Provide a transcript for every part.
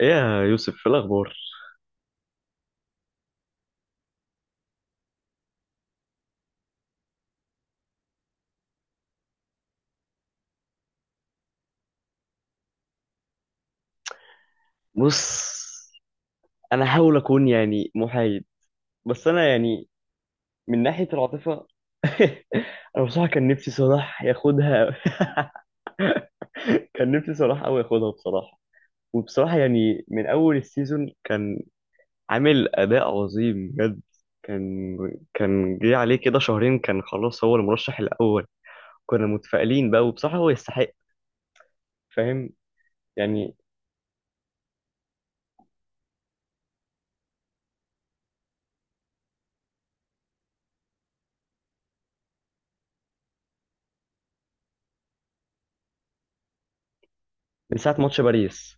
ايه يا يوسف في الاخبار؟ بص، انا احاول اكون يعني محايد. بس انا يعني من ناحيه العاطفه. انا بصراحه كان نفسي صلاح ياخدها. كان نفسي صلاح قوي ياخدها بصراحه. وبصراحه يعني من اول السيزون كان عامل اداء عظيم بجد. كان كان جه عليه كده شهرين، كان خلاص هو المرشح الاول. كنا متفائلين بقى وبصراحه هو يستحق. فاهم؟ يعني من ساعه ماتش باريس.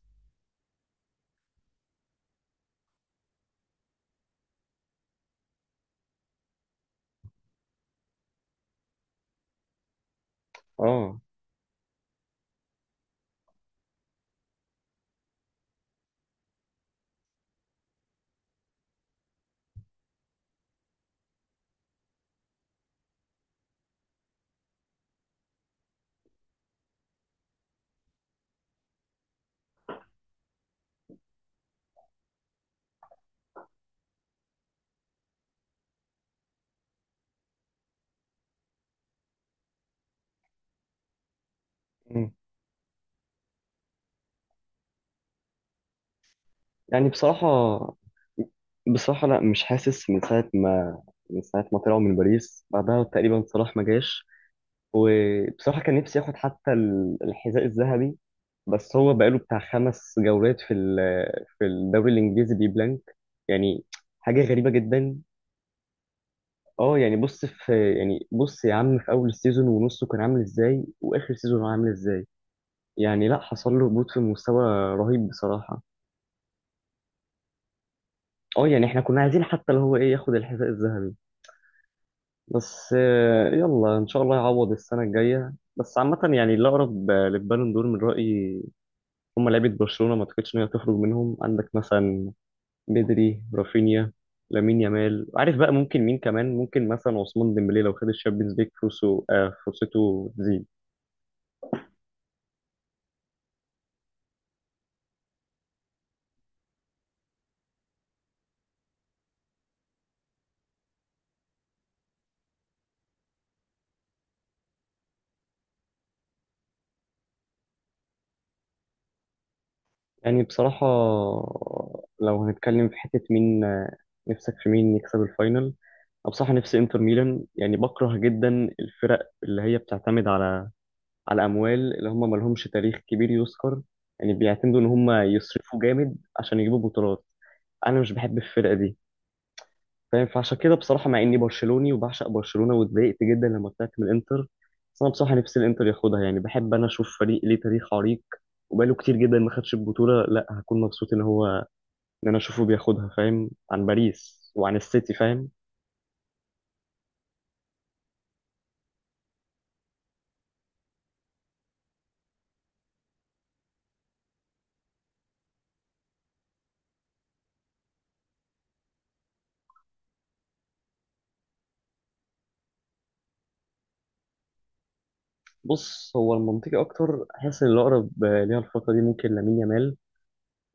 اه. مم. يعني بصراحة لا مش حاسس من ساعة ما طلعوا من باريس بعدها تقريبا صلاح ما جاش. وبصراحة كان نفسي ياخد حتى الحذاء الذهبي. بس هو بقاله بتاع خمس جولات في في الدوري الإنجليزي بيبلانك. يعني حاجة غريبة جدا. اه، يعني بص يا عم، في اول السيزون ونصه كان عامل ازاي واخر سيزون هو عامل ازاي؟ يعني لا، حصل له هبوط في مستوى رهيب بصراحه. اه، يعني احنا كنا عايزين حتى اللي هو ايه ياخد الحذاء الذهبي. بس يلا ان شاء الله يعوض السنه الجايه. بس عامه يعني اللي اقرب للبالون دور من رايي هم لعيبه برشلونه. ما اعتقدش ان هي تخرج منهم. عندك مثلا بدري، رافينيا، لامين يامال، عارف بقى ممكن مين كمان، ممكن مثلا عثمان ديمبلي لو خد الشامبيونز ليج فرصه فرصته تزيد. يعني بصراحة، لو هنتكلم في حتة مين نفسك في مين يكسب الفاينل، أنا بصراحة نفسي إنتر ميلان. يعني بكره جدا الفرق اللي هي بتعتمد على أموال، اللي هم مالهمش تاريخ كبير يذكر. يعني بيعتمدوا إن هم يصرفوا جامد عشان يجيبوا بطولات. أنا مش بحب الفرقة دي. فاهم؟ فعشان كده بصراحه مع اني برشلوني وبعشق برشلونه واتضايقت جدا لما طلعت من الانتر، بس انا بصراحه نفسي الانتر ياخدها. يعني بحب انا اشوف فريق ليه تاريخ عريق وبقاله كتير جدا ما خدش البطوله. لا، هكون مبسوط ان انا اشوفه بياخدها. فاهم؟ عن باريس وعن السيتي. فاهم؟ بص، هو المنطقي اكتر، حاسس ان الاقرب ليها الفتره دي ممكن لامين يامال.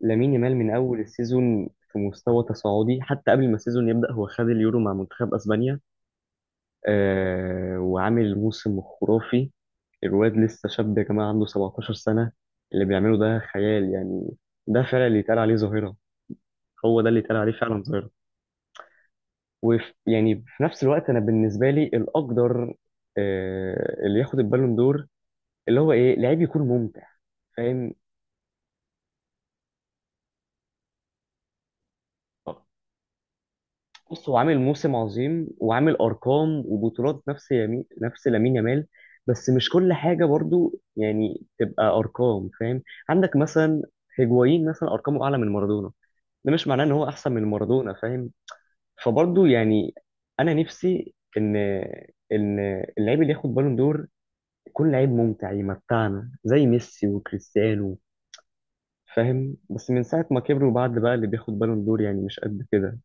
لامين يامال من اول السيزون في مستوى تصاعدي، حتى قبل ما السيزون يبدا هو خد اليورو مع منتخب اسبانيا. وعامل موسم خرافي. الواد لسه شاب يا جماعة، عنده 17 سنة. اللي بيعمله ده خيال يعني. ده فعلا اللي يتقال عليه ظاهرة. هو ده اللي يتقال عليه فعلا ظاهرة. ويعني في نفس الوقت أنا بالنسبة لي الأقدر، اللي ياخد البالون دور اللي هو إيه لعيب يكون ممتع. فاهم؟ بص هو عامل موسم عظيم وعامل أرقام وبطولات نفس يمين نفس لامين يامال. بس مش كل حاجة برضو يعني تبقى أرقام. فاهم؟ عندك مثلا هيجوايين، مثلا أرقامه أعلى من مارادونا. ده مش معناه ان هو احسن من مارادونا. فاهم؟ فبرضه يعني انا نفسي ان اللعيب اللي ياخد بالون دور يكون لعيب ممتع يمتعنا زي ميسي وكريستيانو. فاهم؟ بس من ساعه ما كبروا، بعد بقى اللي بياخد بالون دور يعني مش قد كده.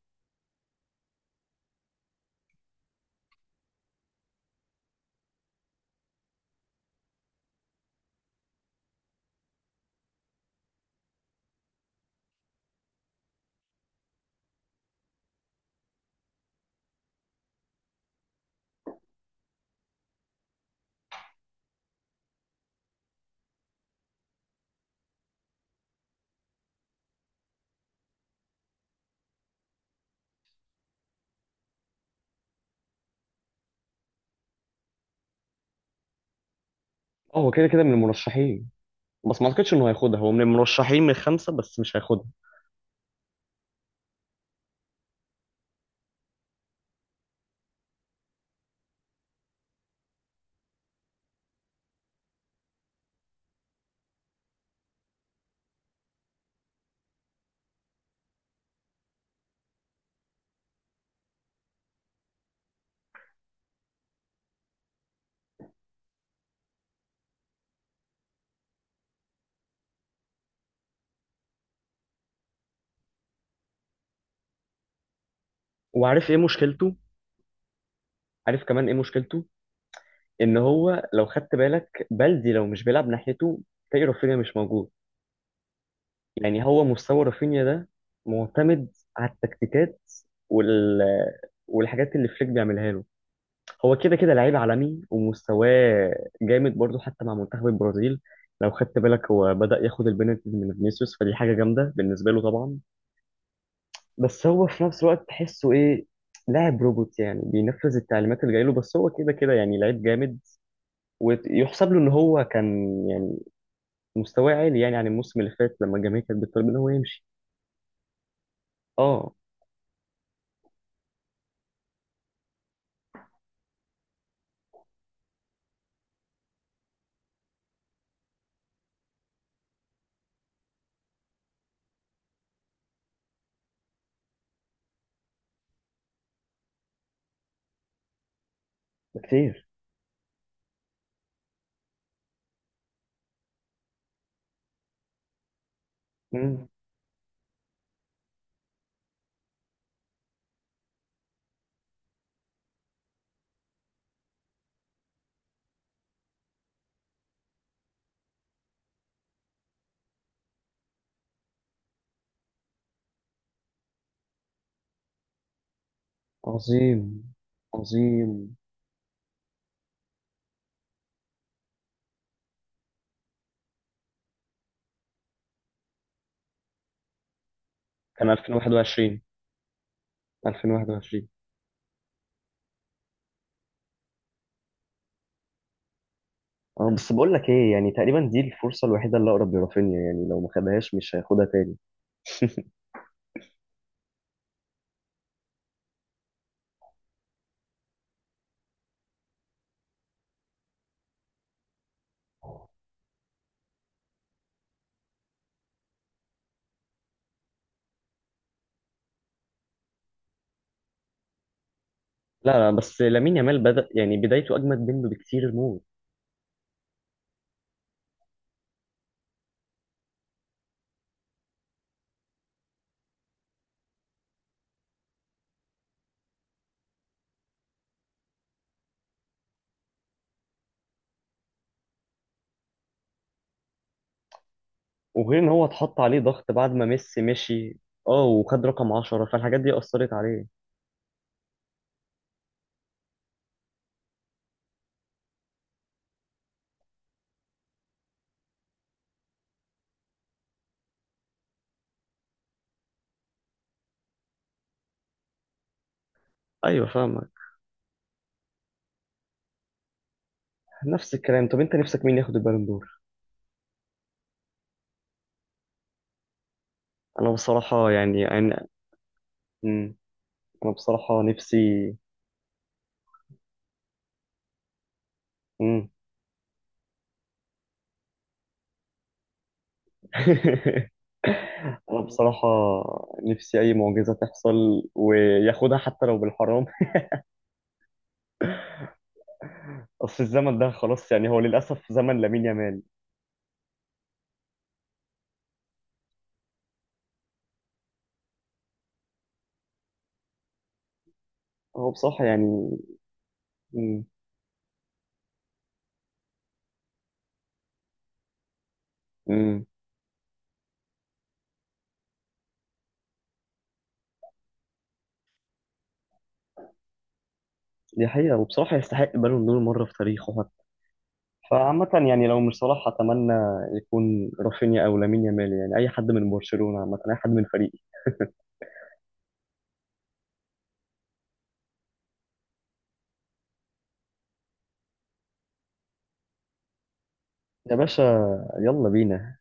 اه، هو كده كده من المرشحين. بس ما اعتقدش انه هياخدها. هو من المرشحين من خمسه، بس مش هياخدها. وعارف ايه مشكلته، عارف كمان ايه مشكلته؟ ان هو لو خدت بالك بلدي، لو مش بيلعب ناحيته تلاقي رافينيا مش موجود. يعني هو مستوى رافينيا ده معتمد على التكتيكات وال والحاجات اللي فليك بيعملها له. هو كده كده لعيب عالمي ومستواه جامد برضه حتى مع منتخب البرازيل. لو خدت بالك هو بدأ ياخد البنالتي من فينيسيوس، فدي حاجة جامدة بالنسبة له طبعا. بس هو في نفس الوقت تحسه ايه؟ لاعب روبوت يعني، بينفذ التعليمات اللي جايله. بس هو كده كده يعني لعيب جامد. ويحسب له ان هو كان، يعني مستواه عالي يعني عن الموسم اللي فات لما الجماهير كانت بتطلب ان هو يمشي. اه، بكتير. مم. عظيم، عظيم. كان 2021. 2021. اه، بس بقول لك ايه، يعني تقريبا دي الفرصه الوحيده اللي اقرب لرافينيا. يعني لو ما خدهاش مش هياخدها تاني. لا لا، بس لامين يامال بدأ، يعني بدايته أجمد منه بكتير موت. وغير إن هو اتحط عليه ضغط بعد ما ميسي مشي. اه، وخد رقم 10، فالحاجات دي أثرت عليه. أيوه فاهمك. نفس الكلام. طب أنت نفسك مين ياخد البالون دور؟ أنا بصراحة يعني أنا. مم. أنا بصراحة نفسي. مم. أنا بصراحة نفسي أي معجزة تحصل وياخدها حتى لو بالحرام. أصل الزمن ده خلاص، يعني هو للأسف زمن لامين يامال. هو بصراحة يعني. مم. مم. دي حقيقة، وبصراحة يستحق بالون دور مرة في تاريخه حتى. فعامة يعني لو مش صلاح، أتمنى يكون رافينيا أو لامين يامال. يعني أي حد من برشلونة عامة، أي حد من فريقي. يا باشا، يلا بينا.